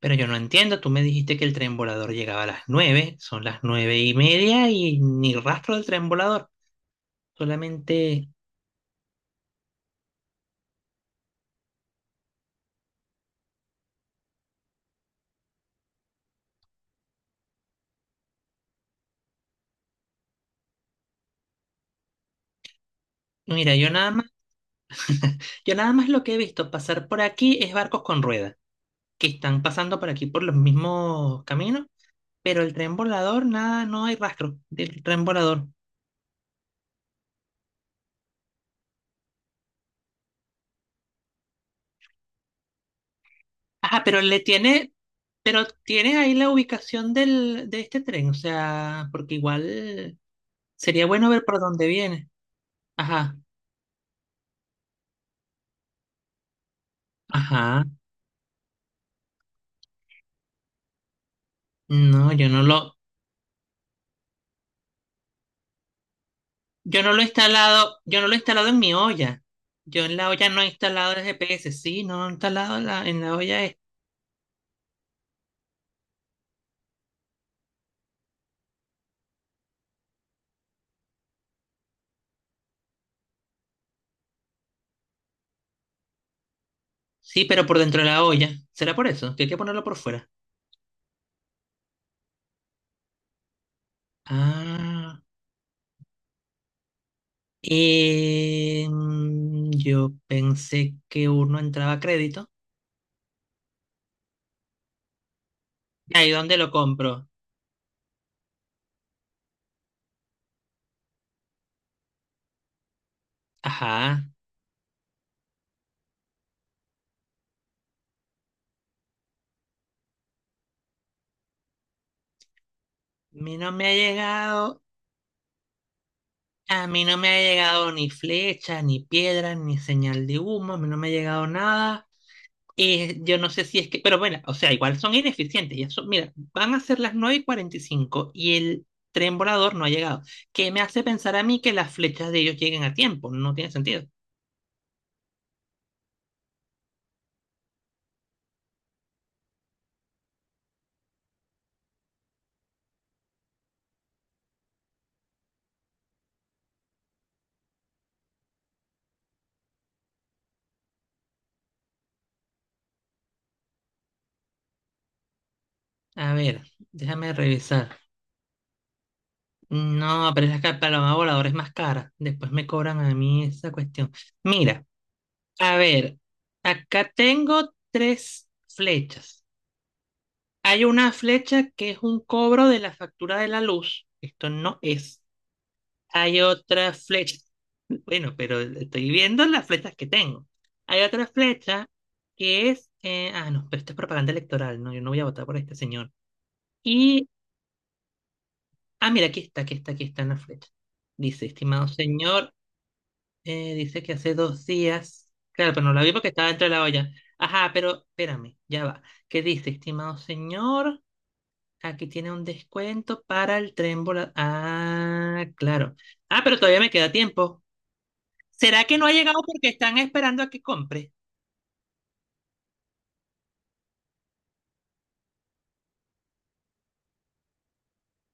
Pero yo no entiendo, tú me dijiste que el tren volador llegaba a las 9. Son las 9:30 y ni rastro del tren volador. Solamente, mira, yo nada más lo que he visto pasar por aquí es barcos con ruedas, que están pasando por aquí por los mismos caminos. Pero el tren volador, nada, no hay rastro del tren volador. Ajá, pero tienes ahí la ubicación de este tren, o sea, porque igual sería bueno ver por dónde viene. Ajá, ajá. No, yo no lo he instalado en mi olla. Yo en la olla no he instalado el GPS. Sí, no lo he instalado en la olla. Sí, pero por dentro de la olla. ¿Será por eso? Que hay que ponerlo por fuera. Ah. Yo pensé que uno entraba a crédito. Ahí donde lo compro. Ajá. A mí no me ha llegado. A mí no me ha llegado ni flecha, ni piedra, ni señal de humo. A mí no me ha llegado nada. Yo no sé si es que, pero bueno, o sea, igual son ineficientes. Ya son, mira, van a ser las 9 y cuarenta y cinco y el tren volador no ha llegado. Que me hace pensar a mí que las flechas de ellos lleguen a tiempo. No tiene sentido. A ver, déjame revisar. No, pero es la paloma voladora es más cara. Después me cobran a mí esa cuestión. Mira, a ver, acá tengo tres flechas. Hay una flecha que es un cobro de la factura de la luz. Esto no es. Hay otra flecha. Bueno, pero estoy viendo las flechas que tengo. Hay otra flecha no, pero esto es propaganda electoral, ¿no? Yo no voy a votar por este señor. Y. Ah, mira, aquí está, aquí está, aquí está en la flecha. Dice, estimado señor, dice que hace 2 días. Claro, pero no la vi porque estaba dentro de la olla. Ajá, pero espérame, ya va. ¿Qué dice, estimado señor? Aquí tiene un descuento para el tren volador. Ah, claro. Ah, pero todavía me queda tiempo. ¿Será que no ha llegado porque están esperando a que compre?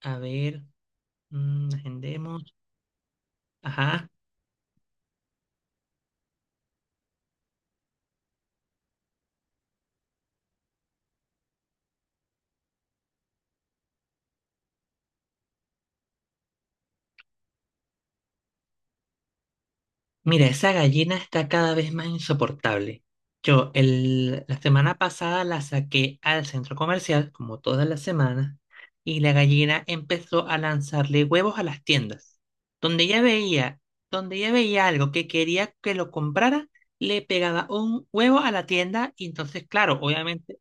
A ver, agendemos. Ajá. Mira, esa gallina está cada vez más insoportable. La semana pasada la saqué al centro comercial, como todas las semanas, y la gallina empezó a lanzarle huevos a las tiendas. Donde ella veía, donde ella veía algo que quería que lo comprara, le pegaba un huevo a la tienda. Y entonces, claro, obviamente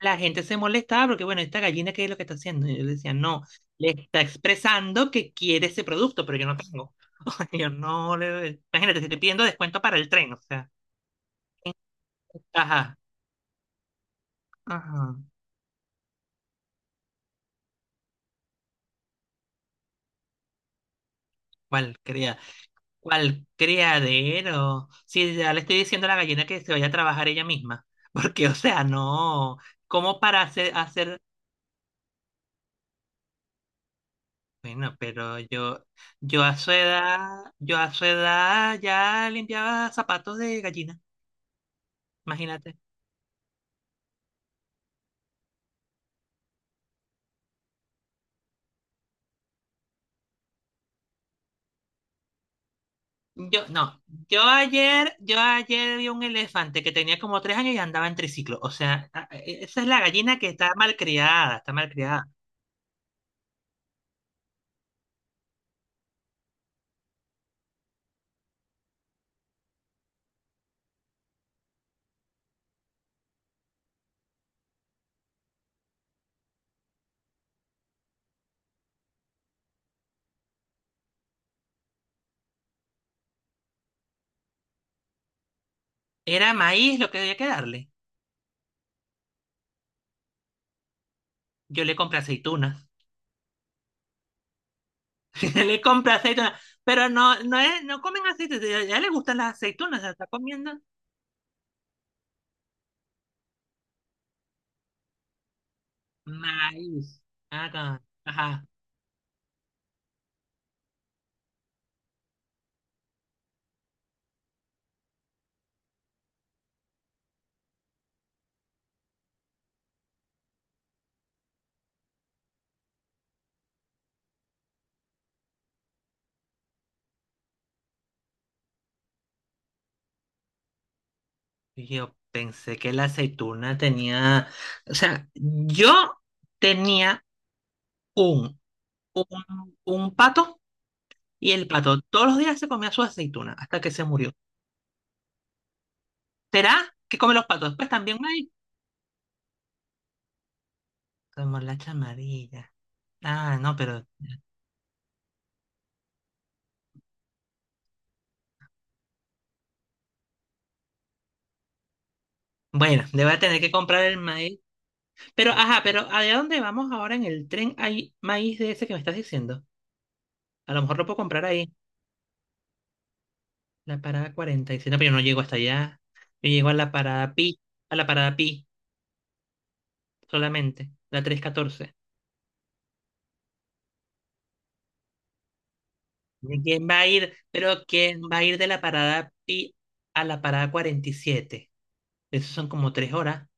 la gente se molestaba porque, bueno, esta gallina, ¿qué es lo que está haciendo? Y yo le decía, no, le está expresando que quiere ese producto, pero yo no tengo. O sea, yo no le... Imagínate, si estoy pidiendo descuento para el tren, o sea, ajá, ajá, cuál cría, cuál criadero. Si ya le estoy diciendo a la gallina que se vaya a trabajar ella misma, porque, o sea, no, ¿cómo para hacer... Bueno, yo a su edad, yo a su edad ya limpiaba zapatos de gallina. Imagínate. Yo, no, yo ayer vi un elefante que tenía como 3 años y andaba en triciclo. O sea, esa es la gallina que está malcriada, está malcriada. Era maíz lo que había que darle. Yo le compré aceitunas. Le compré aceitunas. Pero no, no es, no comen aceitunas. Ya le gustan las aceitunas. O sea, está comiendo maíz. Ajá. Ajá. Y yo pensé que la aceituna tenía. O sea, yo tenía un, un pato. Y el pato todos los días se comía su aceituna hasta que se murió. ¿Será que come los patos? Pues también maíz. Como la chamarilla. Ah, no, pero bueno, le voy a tener que comprar el maíz. Pero, ajá, pero allá dónde vamos ahora en el tren hay maíz de ese que me estás diciendo. A lo mejor lo puedo comprar ahí, la parada 47, pero yo no llego hasta allá. Yo llego a la parada Pi, a la parada Pi solamente, la 314. ¿De quién va a ir? Pero ¿quién va a ir de la parada Pi a la parada 47? Eso son como 3 horas.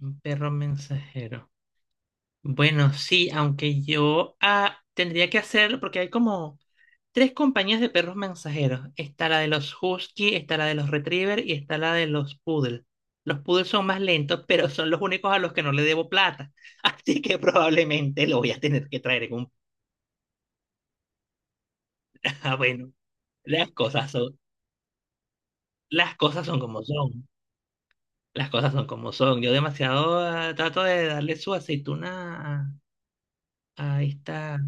Un perro mensajero. Bueno, sí, aunque yo tendría que hacerlo porque hay como tres compañías de perros mensajeros. Está la de los Husky, está la de los Retriever y está la de los Poodle. Los Poodle son más lentos, pero son los únicos a los que no le debo plata. Así que probablemente lo voy a tener que traer en un... Ah, bueno, las cosas son, las cosas son como son. Las cosas son como son. Yo demasiado trato de darle su aceituna a esta...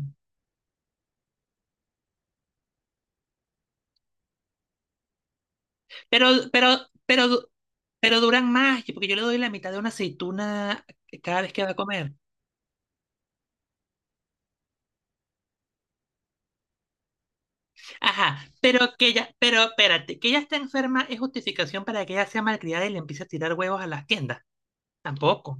Pero, pero, du- pero duran más, porque yo le doy la mitad de una aceituna cada vez que va a comer. Ajá, pero espérate, que ella está enferma es justificación para que ella sea malcriada y le empiece a tirar huevos a las tiendas. Tampoco.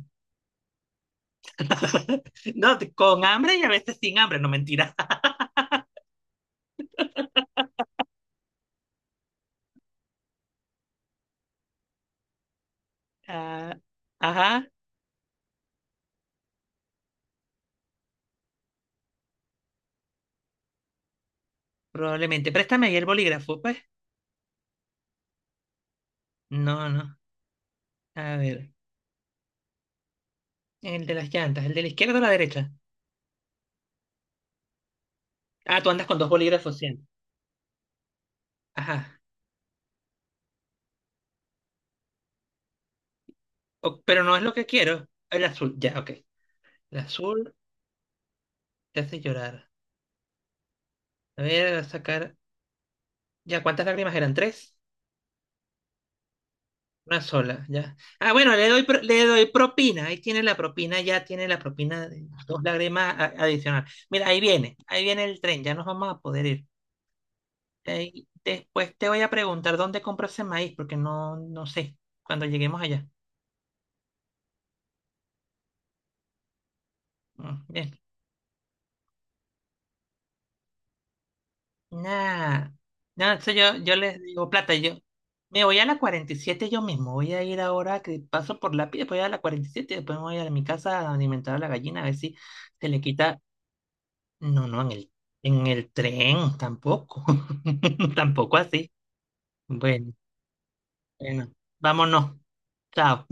No, con hambre y a veces sin hambre, no mentira. Ah, ajá, probablemente. Préstame ahí el bolígrafo, pues. No, no. A ver, el de las llantas, el de la izquierda o la derecha. Ah, tú andas con dos bolígrafos siempre. Ajá. Pero no es lo que quiero. El azul, ya, ok. El azul te hace llorar. A ver, voy a sacar. Ya, ¿cuántas lágrimas eran? ¿Tres? Una sola, ya. Ah, bueno, le doy propina. Ahí tiene la propina, ya tiene la propina de dos lágrimas adicional. Mira, ahí viene el tren, ya nos vamos a poder ir. Y después te voy a preguntar dónde compro ese maíz, porque no sé cuando lleguemos allá. Mm, bien. Nah. No, eso yo les digo, plata, yo me voy a la 47 yo mismo. Voy a ir ahora que paso por la piel, voy a la 47, después me voy a mi casa a alimentar a la gallina, a ver si se le quita. No, no, en el tren, tampoco. Tampoco así. Bueno, bueno, vámonos. Chao.